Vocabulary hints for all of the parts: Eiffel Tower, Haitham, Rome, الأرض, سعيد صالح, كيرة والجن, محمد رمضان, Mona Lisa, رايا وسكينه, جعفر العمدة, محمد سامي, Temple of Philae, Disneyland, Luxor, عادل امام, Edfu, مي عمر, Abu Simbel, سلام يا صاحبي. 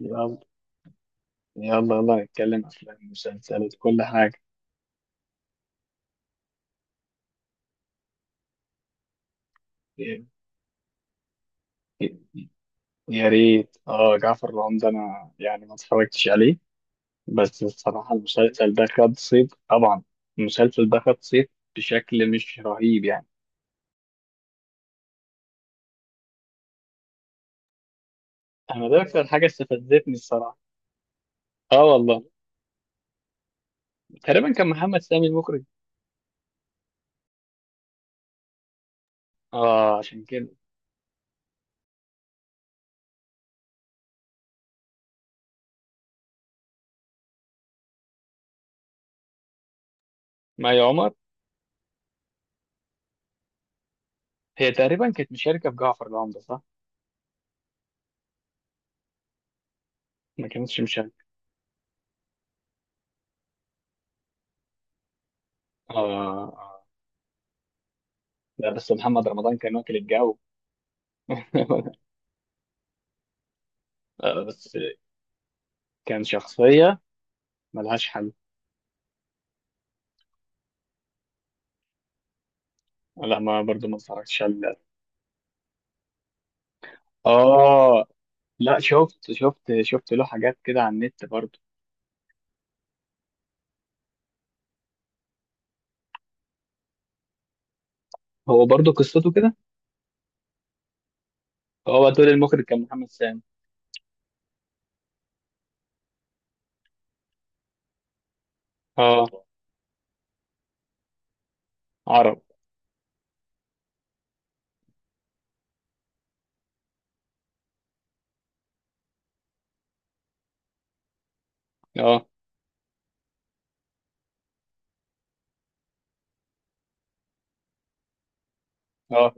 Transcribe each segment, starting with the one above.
يلا يلا يلا نتكلم أفلام مسلسلات كل حاجة. يا يا ريت جعفر العمدة، أنا يعني ما اتفرجتش عليه. بس الصراحة المسلسل ده خد صيت طبعا. المسلسل ده خد صيت بشكل مش رهيب يعني. أنا ده أكتر حاجة استفزتني الصراحة. اه والله تقريبا كان محمد سامي المخرج. اه عشان كده. مي عمر، هي تقريبا كانت مشاركة في جعفر العمدة، صح؟ ما كانتش مشاركة. اه، آه. لا بس محمد رمضان كان واكل الجو. بس كان شخصية ملهاش حل. لا، ما برضو ما اتفرجتش على. اه لا، شفت له حاجات كده على النت برضو. هو برضو قصته كده. هو دول المخرج كان محمد سامي. اه، عرب. اه اه،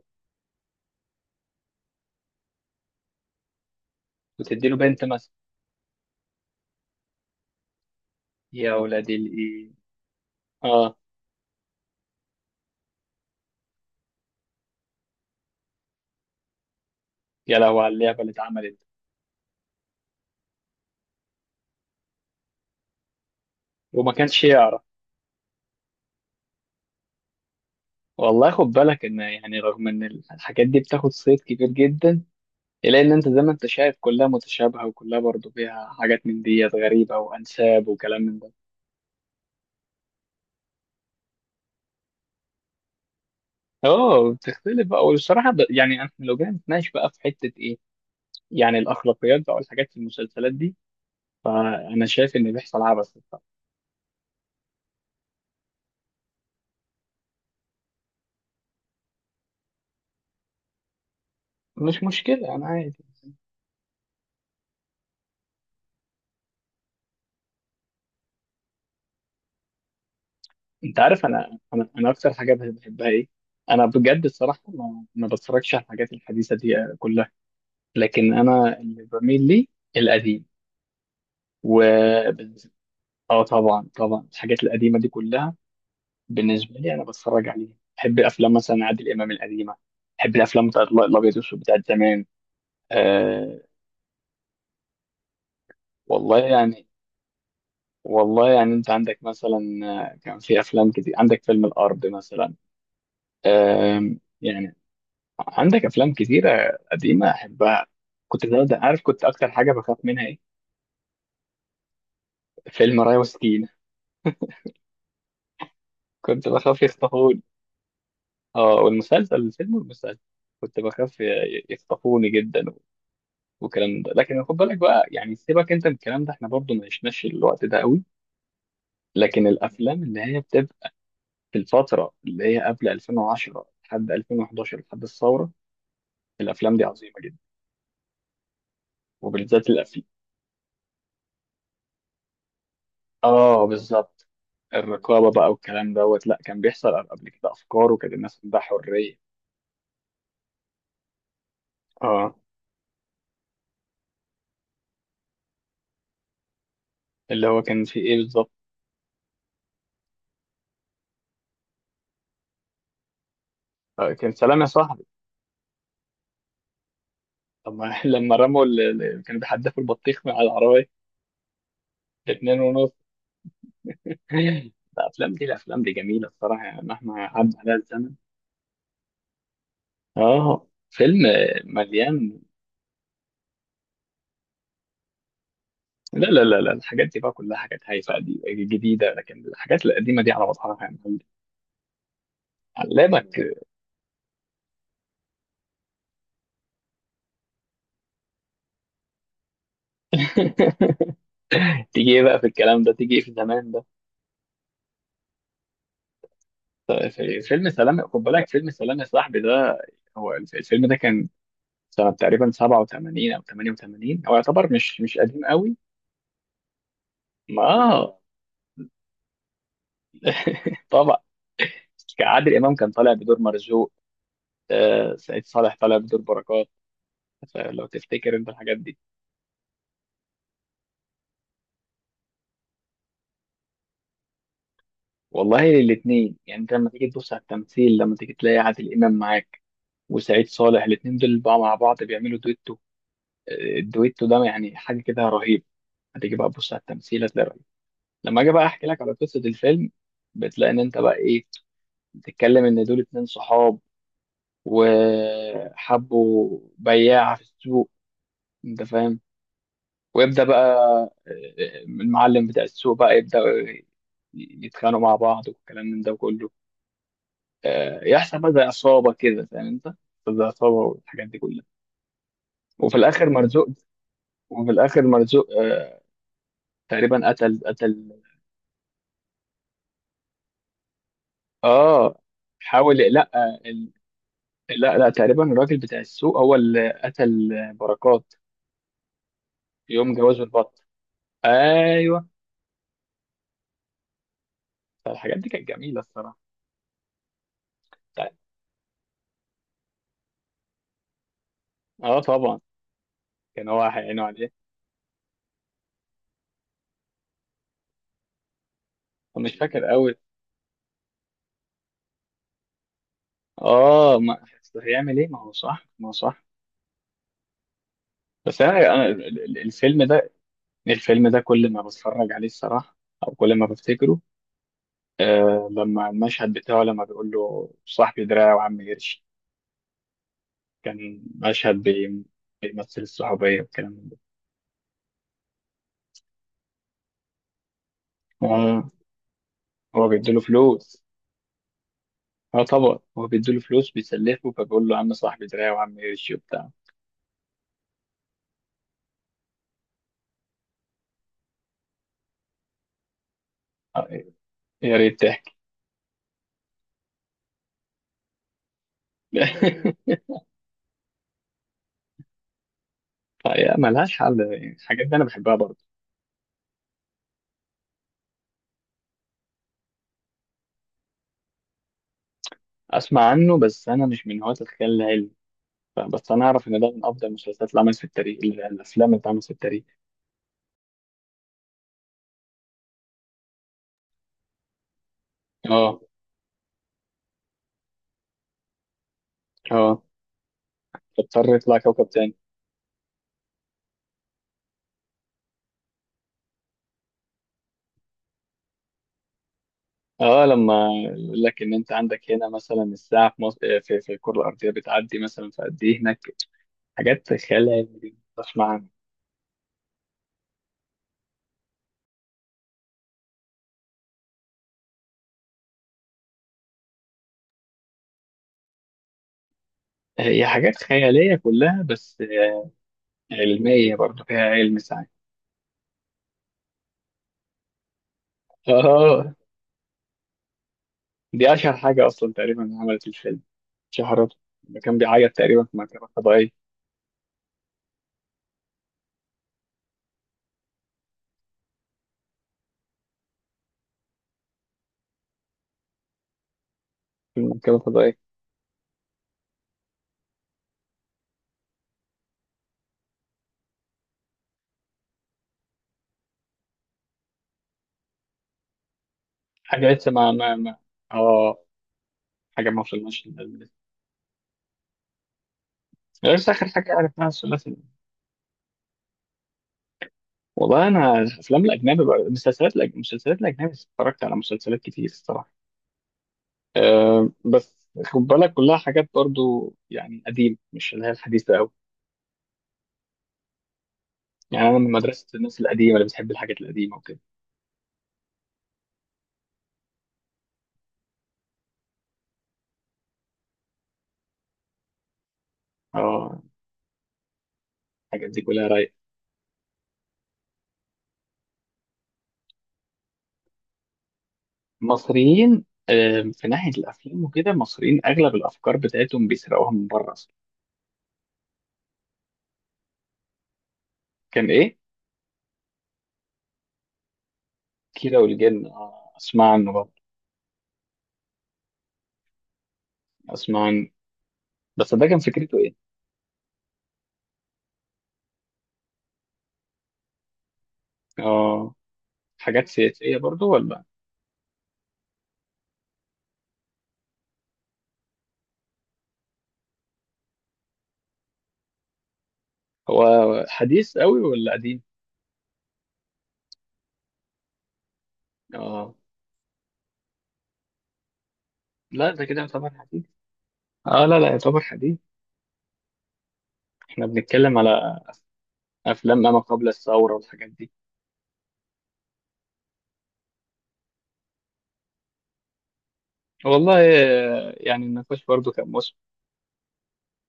وتديله بنت مثلا. يا ولاد الايه. اه، يا لهو على اللعبة اللي اتعملت. وما كانش يعرف. والله خد بالك ان يعني رغم ان الحاجات دي بتاخد صيت كبير جدا، الا ان انت زي ما انت شايف كلها متشابهه، وكلها برضو فيها حاجات من ديت غريبه وانساب وكلام من ده. اه بتختلف بقى والصراحه يعني احنا لو جينا نتناقش بقى في حته ايه. يعني الاخلاقيات بقى والحاجات في المسلسلات دي، فانا شايف ان بيحصل عبث بصراحة. مش مشكله انا عادي. انت عارف انا اكتر حاجه بحبها ايه. انا بجد الصراحه ما بتفرجش على الحاجات الحديثه دي كلها. لكن انا اللي بميل ليه القديم. و اه طبعا طبعا الحاجات القديمه دي كلها بالنسبه لي انا بتفرج عليها. بحب افلام مثلا عادل امام القديمه. بحب الافلام بتاعت الابيض والاسود بتاعت زمان. آه. والله يعني. انت عندك مثلا، كان في افلام كتير. عندك فيلم الارض مثلا. يعني عندك افلام كتيره قديمه احبها. كنت ده عارف، كنت اكتر حاجه بخاف منها ايه؟ فيلم رايا وسكينه. كنت بخاف يخطفوني. اه، والمسلسل، الفيلم والمسلسل. كنت بخاف يخطفوني جدا والكلام ده. لكن خد بالك بقى يعني، سيبك انت من الكلام ده، احنا برضو ما عشناش الوقت ده قوي. لكن الافلام اللي هي بتبقى في الفترة اللي هي قبل 2010 لحد 2011 لحد الثورة، الأفلام دي عظيمة جدا، وبالذات الأفلام. آه بالظبط. الرقابة بقى والكلام دوت، لا كان بيحصل قبل كده أفكار، وكانت الناس عندها حرية. آه، اللي هو كان في إيه بالظبط؟ آه، كان سلام يا صاحبي. طب ما لما رموا اللي كانوا بيحدفوا البطيخ من على العربية، اتنين ونص. الأفلام دي جميلة الصراحة، يعني مهما عدى عليها الزمن. آه، فيلم مليان. لا لا لا لا، الحاجات دي بقى كلها حاجات هايفه قديمه جديده، لكن الحاجات القديمه دي على مصحف يا معلم. علمك. تيجي ايه بقى في الكلام ده، تيجي ايه في زمان ده. طيب، في فيلم سلام، خد بالك فيلم سلام يا صاحبي ده، هو الفيلم ده كان سنه تقريبا 87 او 88، هو يعتبر مش قديم قوي. ما طبعا. كان عادل امام كان طالع بدور مرزوق. سعيد صالح طالع بدور بركات. لو تفتكر انت الحاجات دي. والله الاثنين يعني، انت لما تيجي تبص على التمثيل، لما تيجي تلاقي عادل امام معاك وسعيد صالح، الاثنين دول بقى مع بعض بيعملوا دويتو. الدويتو ده يعني حاجه كده رهيب. هتيجي بقى تبص على التمثيل، هتلاقي رهيب. لما اجي بقى احكي لك على قصه الفيلم، بتلاقي ان انت بقى ايه، بتتكلم ان دول اتنين صحاب، وحبوا بياعه في السوق، انت فاهم. ويبدا بقى المعلم بتاع السوق بقى يبدا، يتخانقوا مع بعض والكلام من ده كله. يحصل بقى زي عصابة كده، فاهم انت، زي عصابة والحاجات دي كلها. وفي الآخر مرزوق. وفي الآخر مرزوق، تقريبا قتل. اه حاول، لا لا لا، تقريبا الراجل بتاع السوق هو اللي قتل بركات يوم جوازه البط. ايوه، الحاجات دي كانت جميلة الصراحة. طيب. اه طبعا، كان هو هيعينه عليه. مش فاكر قوي. اه، ما أصل هيعمل ايه، ما هو صح، ما هو صح. بس انا، الفيلم ده، الفيلم ده كل ما بتفرج عليه الصراحة أو كل ما بفتكره، لما المشهد بتاعه، لما بيقول له صاحبي دراعي وعم قرش، كان مشهد بيمثل الصحوبية والكلام من ده. آه هو بيديله فلوس. اه طبعا هو بيديله فلوس بيسلفه، فبيقول له عم صاحبي دراعي وعم قرش وبتاع. آه، يا ريت تحكي. هي ملهاش حل يعني، الحاجات دي أنا بحبها برضه. أسمع عنه، بس أنا مش من هواة الخيال العلمي، بس أنا أعرف إن ده من أفضل المسلسلات اللي عملت في التاريخ، الأفلام اللي اتعملت في التاريخ. اه. اه، تضطر يطلع كوكب تاني. اه لما يقول لك ان انت عندك هنا مثلا الساعه في مصر، في الكره الارضيه بتعدي مثلا في قد ايه هناك. حاجات خيال علمي، مش معنى. هي حاجات خياليه كلها، بس علميه برضه، فيها علم ساعات. اه، دي اشهر حاجه اصلا تقريبا عملت الفيلم شهرته، لما كان بيعيط تقريبا في مركبه فضائيه. في مركبه فضائيه حاجه لسه ما، اه حاجه ما وصلناش للعلم لسه. بس اخر حاجه عرفناها الثلاثي. والله انا الافلام الاجنبي بقى، المسلسلات المسلسلات الاجنبي، اتفرجت على مسلسلات كتير الصراحه. أه، بس خد بالك كلها حاجات برضو يعني قديم، مش اللي هي الحديثه قوي. يعني انا من مدرسه الناس القديمه اللي بتحب الحاجات القديمه وكده. اه، الحاجات دي كلها رايقه. مصريين، في ناحيه الافلام وكده، مصريين اغلب الافكار بتاعتهم بيسرقوها من بره اصلا. كان ايه؟ كيرة والجن. اه اسمع عنه برضه. اسمع عنه، بس ده كان فكرته ايه؟ اه، حاجات سياسيه برضو ولا؟ هو حديث قوي ولا قديم؟ اه، لا ده كده يعتبر حديث. اه، لا لا يعتبر حديث. احنا بنتكلم على افلام ما قبل الثوره والحاجات دي. والله. يعني النقاش برضو كان مصر.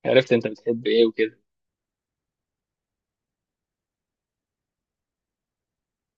عرفت انت بتحب ايه وكده.